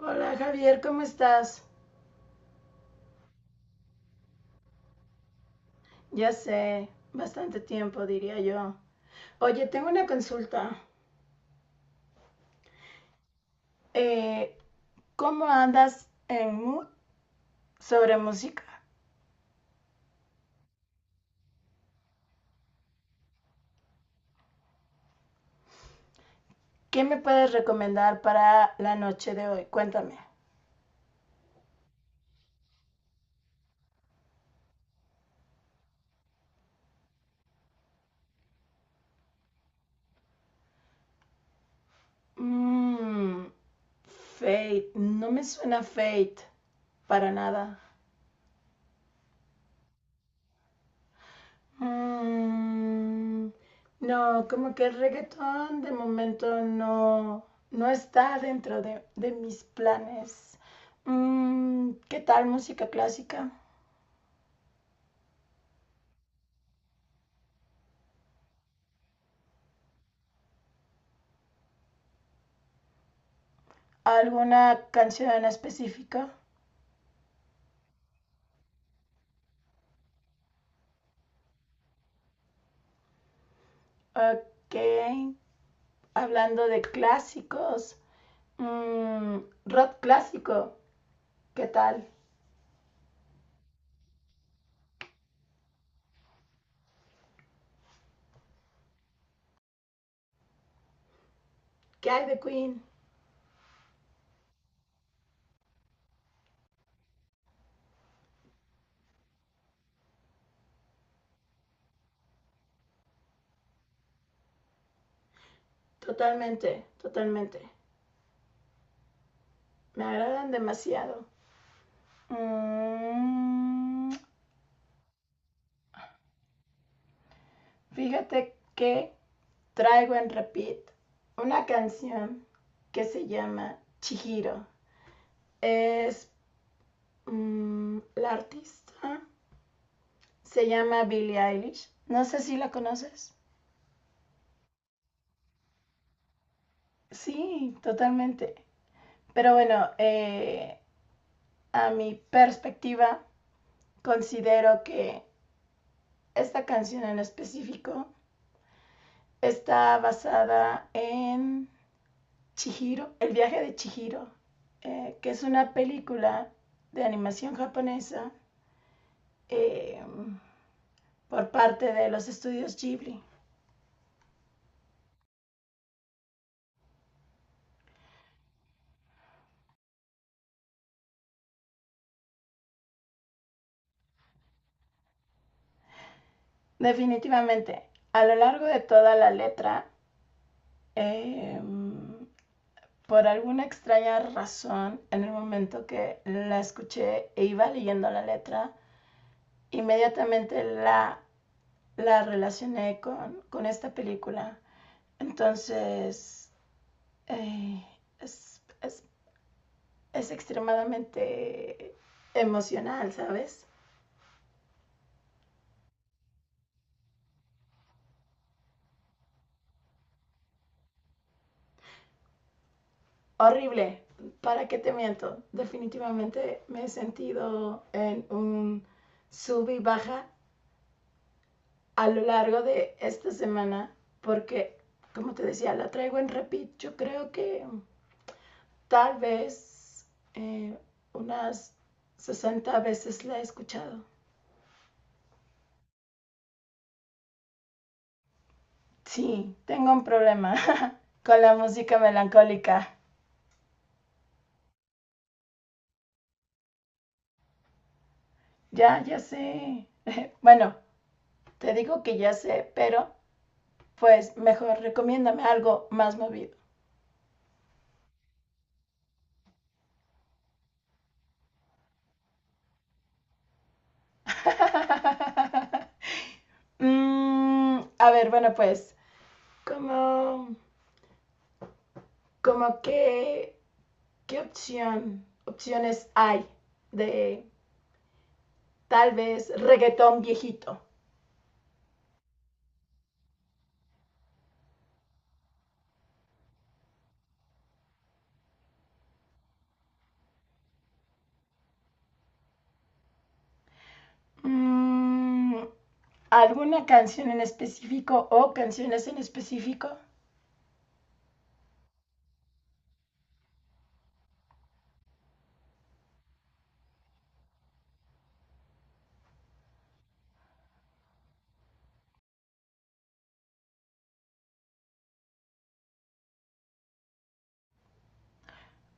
Hola Javier, ¿cómo estás? Ya sé, bastante tiempo diría yo. Oye, tengo una consulta. Eh, ¿Cómo andas en mood sobre música? ¿Qué me puedes recomendar para la noche de hoy? Cuéntame. Mmm, Fate, no me suena Fate para nada. Mm, no, como que el reggaetón de momento no, no está dentro de mis planes. ¿Qué tal música clásica? ¿Alguna canción en específico? Ok, hablando de clásicos, mm, rock clásico, ¿qué tal? ¿Qué hay de Queen? Totalmente, totalmente. Me agradan demasiado. Mm, Fíjate que traigo en repeat una canción que se llama Chihiro. Es, la artista, se llama Billie Eilish. No sé si la conoces. Sí, totalmente. Pero bueno, a mi perspectiva, considero que esta canción en específico está basada en Chihiro, El viaje de Chihiro, que es una película de animación japonesa eh, por parte de los estudios Ghibli. Definitivamente, a lo largo de toda la letra, eh, por alguna extraña razón, en el momento que la escuché e iba leyendo la letra, inmediatamente la relacioné con esta película. Entonces, eh, es, es, es extremadamente emocional, ¿sabes? Horrible. ¿Para qué te miento? Definitivamente me he sentido en un sub y baja a lo largo de esta semana porque, como te decía, la traigo en repeat. Yo creo que tal vez eh, unas 60 veces la he escuchado. Sí, tengo un problema con la música melancólica. Ya, ya sé. Bueno, te digo que ya sé, pero pues mejor recomiéndame algo más movido. A ver, bueno, pues, como, como qué opciones hay de tal vez reggaetón viejito. Mm, ¿Alguna canción en específico o canciones en específico?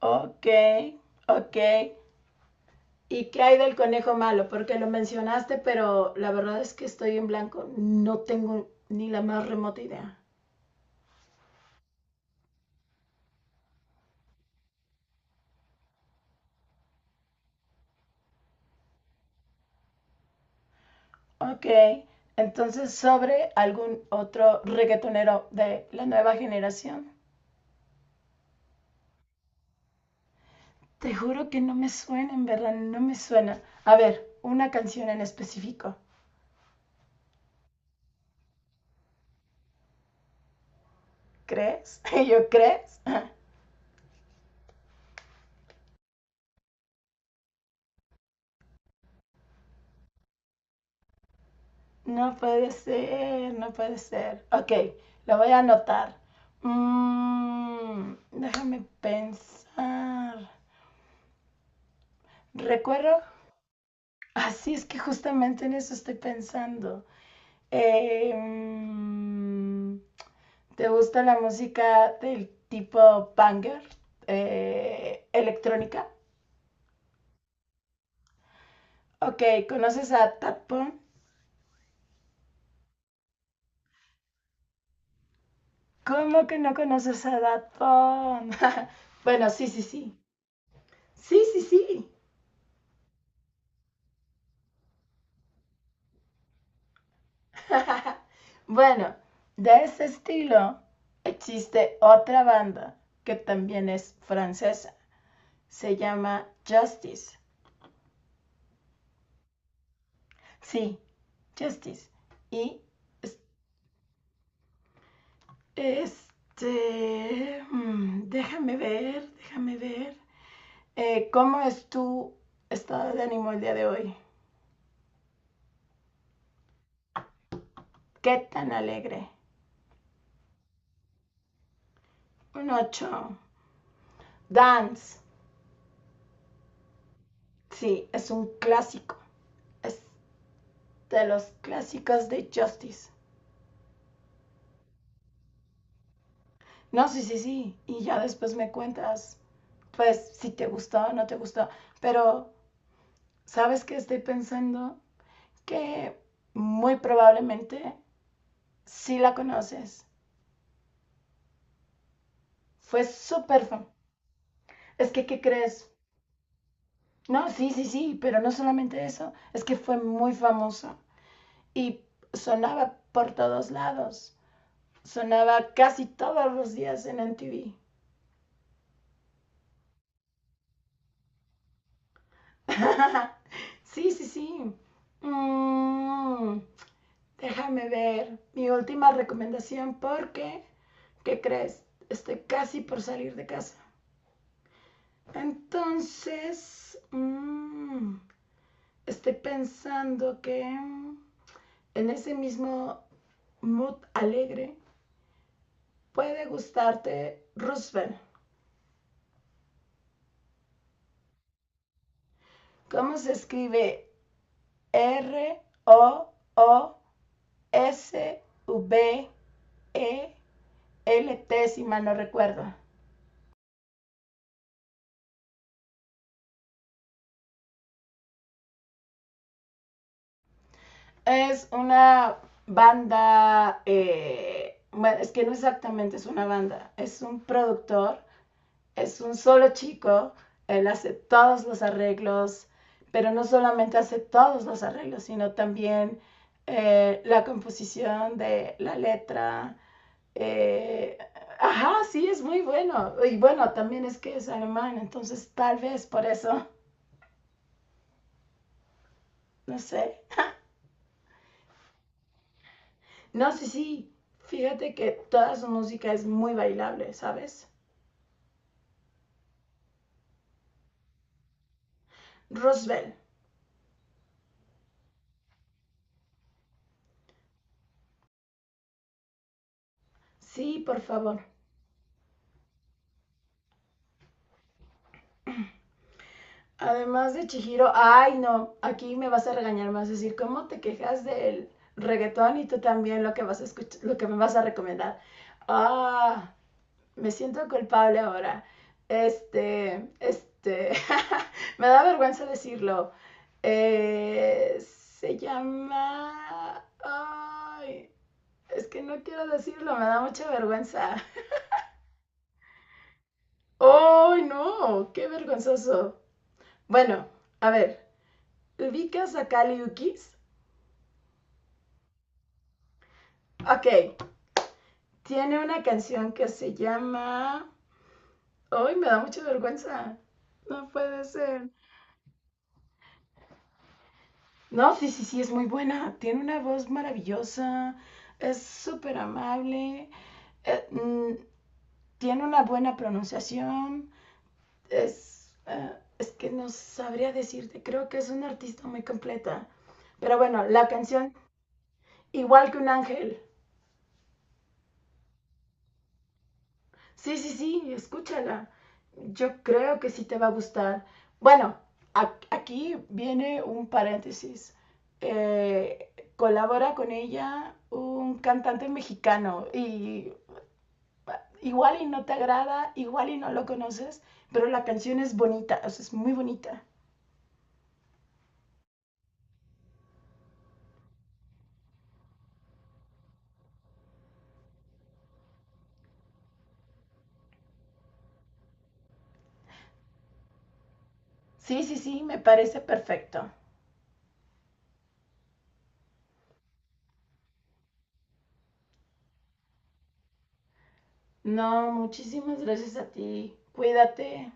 Ok, ok. ¿Y qué hay del conejo malo? Porque lo mencionaste, pero la verdad es que estoy en blanco. No tengo ni la más remota idea. Ok, entonces sobre algún otro reggaetonero de la nueva generación. Te juro que no me suena, en verdad, no me suena. A ver, una canción en específico. ¿Crees? ¿Y yo crees? No puede ser, no puede ser. Ok, lo voy a anotar. Déjame pensar. ¿Recuerdo? Así es que justamente en eso estoy pensando. Eh, mm, ¿Te gusta la música del tipo banger, electrónica? Ok, ¿conoces a Daft Punk? ¿Cómo que no conoces a Daft Punk? Bueno, sí, sí, sí. Sí, sí, sí. Bueno, de ese estilo existe otra banda que también es francesa. Se llama Justice. Sí, Justice. Y déjame ver, déjame ver. ¿Cómo es tu estado de ánimo el día de hoy? ¿Qué tan alegre? Un 8. Dance. Sí, es un clásico. Es de los clásicos de Justice. No, sí, sí, sí. Y ya después me cuentas, pues, si te gustó o no te gustó. Pero, ¿sabes qué estoy pensando? Que muy probablemente sí la conoces. Fue súper fan. Es que, ¿qué crees? No, sí, sí, sí, pero no solamente eso, es que fue muy famoso. Y sonaba por todos lados. Sonaba casi todos los días en MTV. Sí, sí, sí. Mm, Déjame ver mi última recomendación porque, ¿qué crees? Estoy casi por salir de casa. Entonces, estoy pensando que en ese mismo mood alegre puede gustarte Roosevelt. ¿Cómo se escribe ROOSVELT, si mal no recuerdo. Es una banda, bueno, es que no exactamente es una banda, es un productor, es un solo chico, él hace todos los arreglos, pero no solamente hace todos los arreglos, sino también la composición de la letra. Eh, ajá, sí, es muy bueno. Y bueno, también es que es alemán, entonces tal vez por eso, no sé. No, sí, sí, fíjate que toda su música es muy bailable, ¿sabes? Roosevelt, sí, por favor. Además de Chihiro, ay no, aquí me vas a regañar más, decir, ¿cómo te quejas del reggaetón y tú también lo que vas a escuchar, lo que me vas a recomendar? Ah, me siento culpable ahora. Este, este, Me da vergüenza decirlo. Se llama... Ay, es que no quiero decirlo, me da mucha vergüenza. ¡Ay, no! ¡Qué vergonzoso! Bueno, a ver, ¿ubicas a Kali Uchis? Ok, tiene una canción que se llama... ¡Ay, me da mucha vergüenza! No puede ser. No, sí, sí, sí, es muy buena. Tiene una voz maravillosa, es súper amable, eh, mm, tiene una buena pronunciación, es, eh, es que no sabría decirte, creo que es una artista muy completa. Pero bueno, la canción, igual que un ángel, sí, sí, sí, escúchala. Yo creo que sí te va a gustar. Bueno, aquí viene un paréntesis. Eh, Colabora con ella un cantante mexicano y ah, igual y no te agrada, igual y no lo conoces, pero la canción es bonita, o sea, es muy bonita. Sí, sí, sí, me parece perfecto. No, muchísimas gracias a ti. Cuídate.